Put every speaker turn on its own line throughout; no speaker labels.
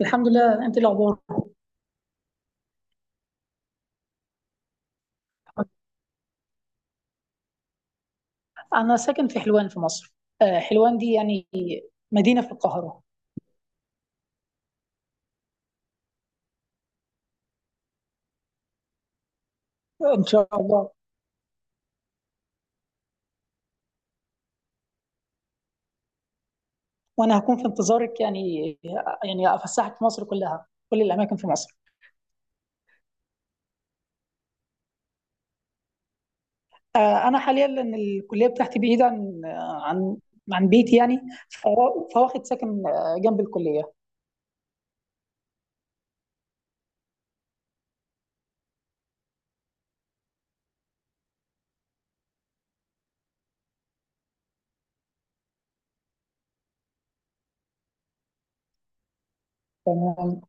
الحمد لله. انت إيه الاخبار؟ انا ساكن في حلوان في مصر. حلوان دي يعني مدينه في القاهره. ان شاء الله. وانا هكون في انتظارك يعني. يعني افسحك في مصر كلها كل الاماكن في مصر. انا حاليا لان الكليه بتاعتي بعيده عن عن بيتي يعني. فواخد ساكن جنب الكليه. تمام،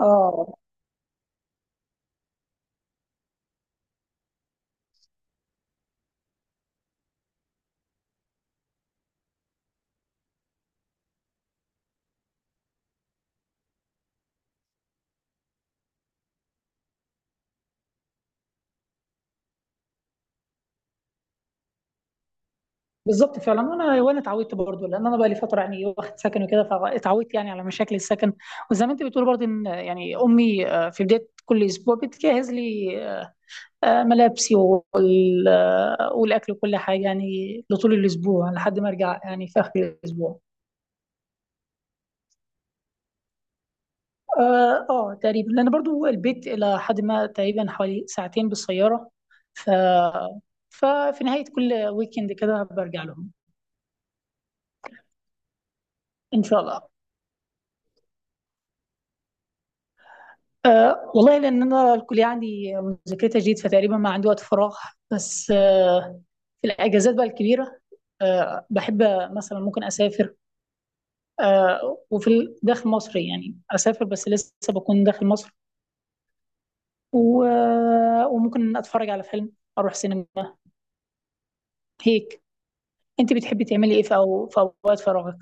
اه، بالضبط فعلًا، وأنا اتعودت برضه، لأن أنا بقى لي فترة يعني واخد سكن وكده، فاتعودت يعني على مشاكل السكن. وزي ما أنتِ بتقولي برضه إن يعني أمي في بداية كل أسبوع بتجهّز لي ملابسي والأكل وكل حاجة يعني لطول الأسبوع لحد ما أرجع يعني في آخر الأسبوع. تقريبًا، لأن برضه البيت إلى حدٍ ما تقريبًا حوالي ساعتين بالسيارة. ف ففي نهاية كل weekend كده بارجع لهم. إن شاء الله. والله لأن أنا الكلية عندي مذاكرتها جيد فتقريبا ما عندي وقت فراغ. بس في الأجازات بقى الكبيرة بحب مثلا ممكن أسافر. وفي داخل مصر يعني أسافر بس لسه بكون داخل مصر. وممكن أتفرج على فيلم. أروح سينما. هيك. أنت بتحبي تعملي إيه أو في أوقات فراغك؟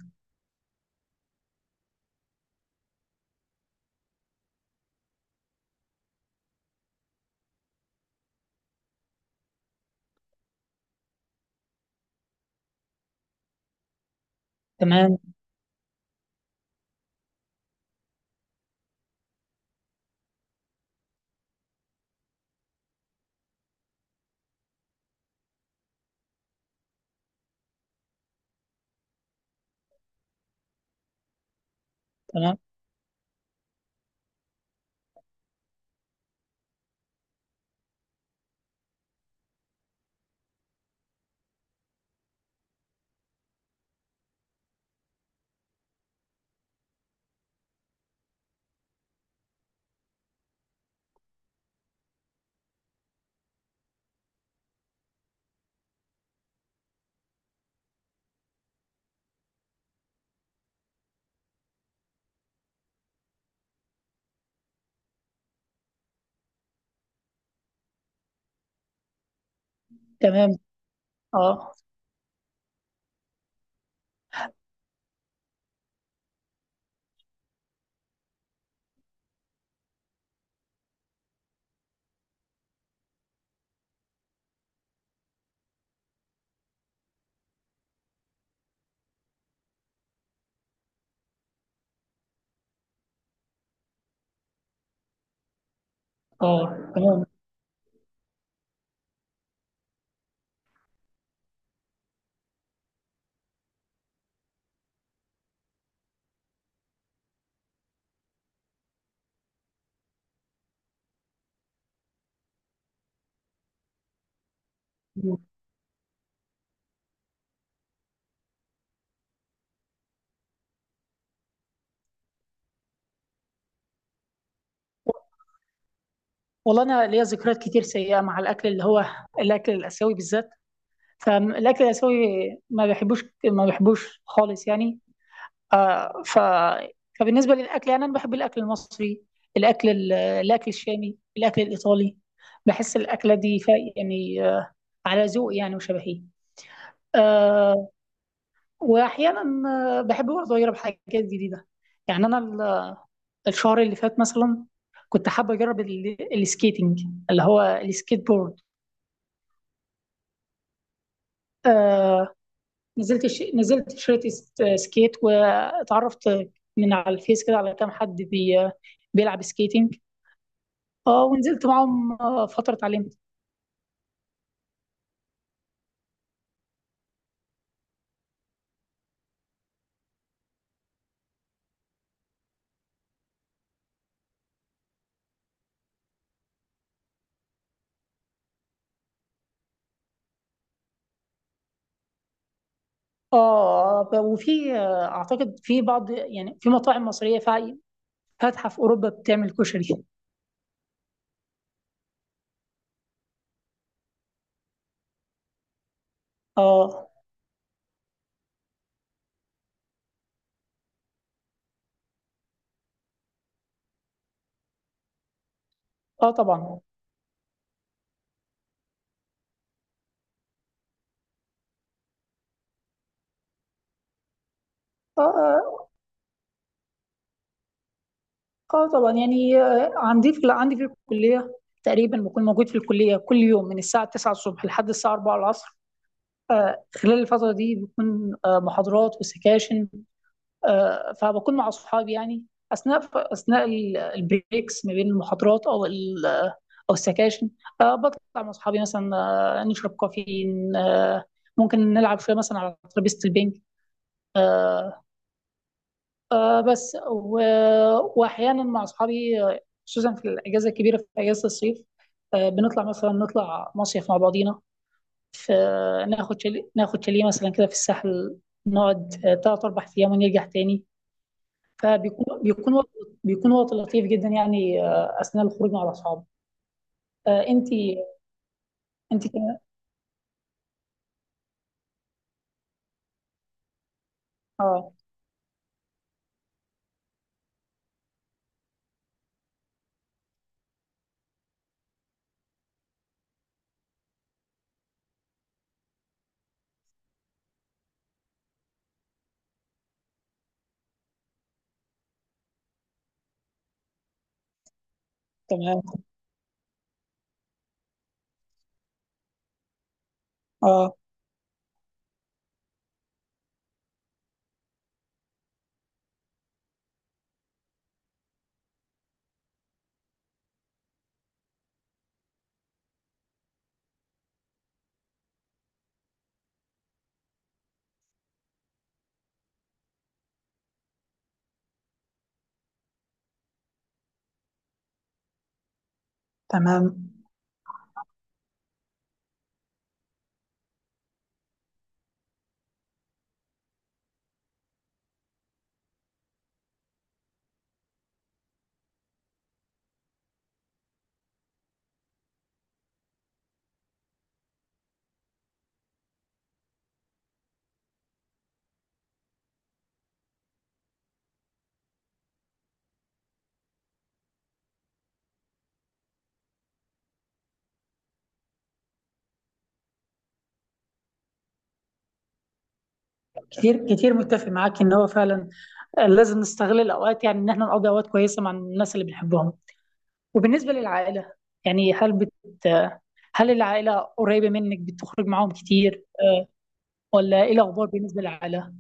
تمام، تمام، تمام، أه، أه، تمام. والله أنا ليا ذكريات كتير سيئة مع الأكل اللي هو الأكل الآسيوي بالذات. فالاكل الاسيوي ما بحبوش ما بحبوش خالص يعني. آه ف فبالنسبه للاكل يعني انا بحب الاكل المصري، الاكل الاكل الشامي، الاكل الايطالي. بحس الاكله دي، يعني، على ذوق يعني، وشبهي. آه واحيانا، بحب برضه اجرب حاجات جديده. يعني انا الشهر اللي فات مثلا كنت حابه اجرب السكيتنج، اللي هو السكيت بورد. آه، نزلت شريت سكيت واتعرفت من على الفيس كده على كام حد بيلعب سكيتنج. اه، ونزلت معاهم فترة اتعلمت. اه، وفي اعتقد في بعض يعني في مطاعم مصرية فاتحة في اوروبا بتعمل كشري. اه، اه، طبعا، اه، اه، طبعا يعني. عندي في الكلية. تقريبا بكون موجود في الكلية كل يوم من الساعة 9 الصبح لحد الساعة 4 العصر. خلال الفترة دي بيكون محاضرات وسكاشن. فبكون مع أصحابي يعني أثناء أثناء البريكس ما بين المحاضرات أو أو السكاشن. بطلع مع أصحابي مثلا، نشرب كافيين. ممكن نلعب شوية مثلا على ترابيزة البنج. آه، بس وأحيانا مع أصحابي، خصوصا في الأجازة الكبيرة في أجازة الصيف. مثلا نطلع مصيف مع بعضينا في ناخد شاليه ناخد شاليه مثلا كده في الساحل. نقعد 3 4 أيام ونرجع تاني. فبيكون بيكون وقت بيكون وقت لطيف جدا يعني، اثناء الخروج مع الاصحاب. آه، انت انت كمان. اه، تمام، اه، تمام. كتير كتير متفق معاك ان هو فعلا. لازم نستغل الاوقات يعني ان احنا نقضي اوقات كويسه مع الناس اللي بنحبهم. وبالنسبه للعائله يعني، هل بت آه، هل العائله قريبه منك، بتخرج معاهم كتير؟ ولا ايه الاخبار بالنسبه للعائله؟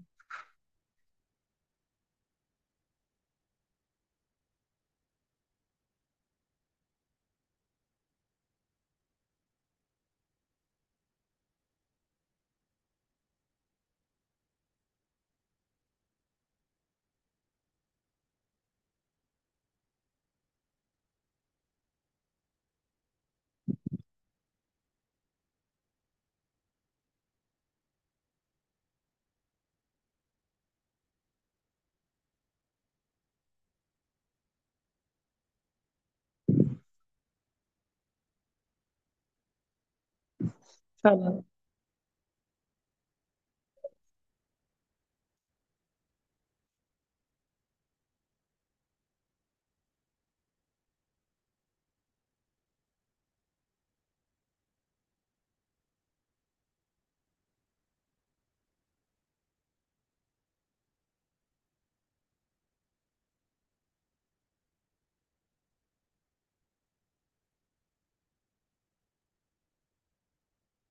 فعلا،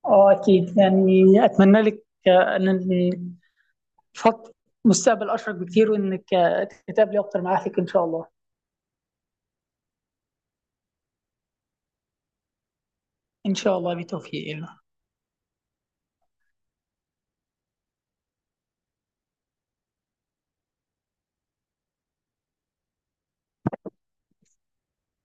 اه، اكيد يعني. اتمنى لك، ان خط مستقبل اشرق بكتير وانك تتقابلي اكتر معاها فيك ان شاء الله. ان شاء الله بتوفيق.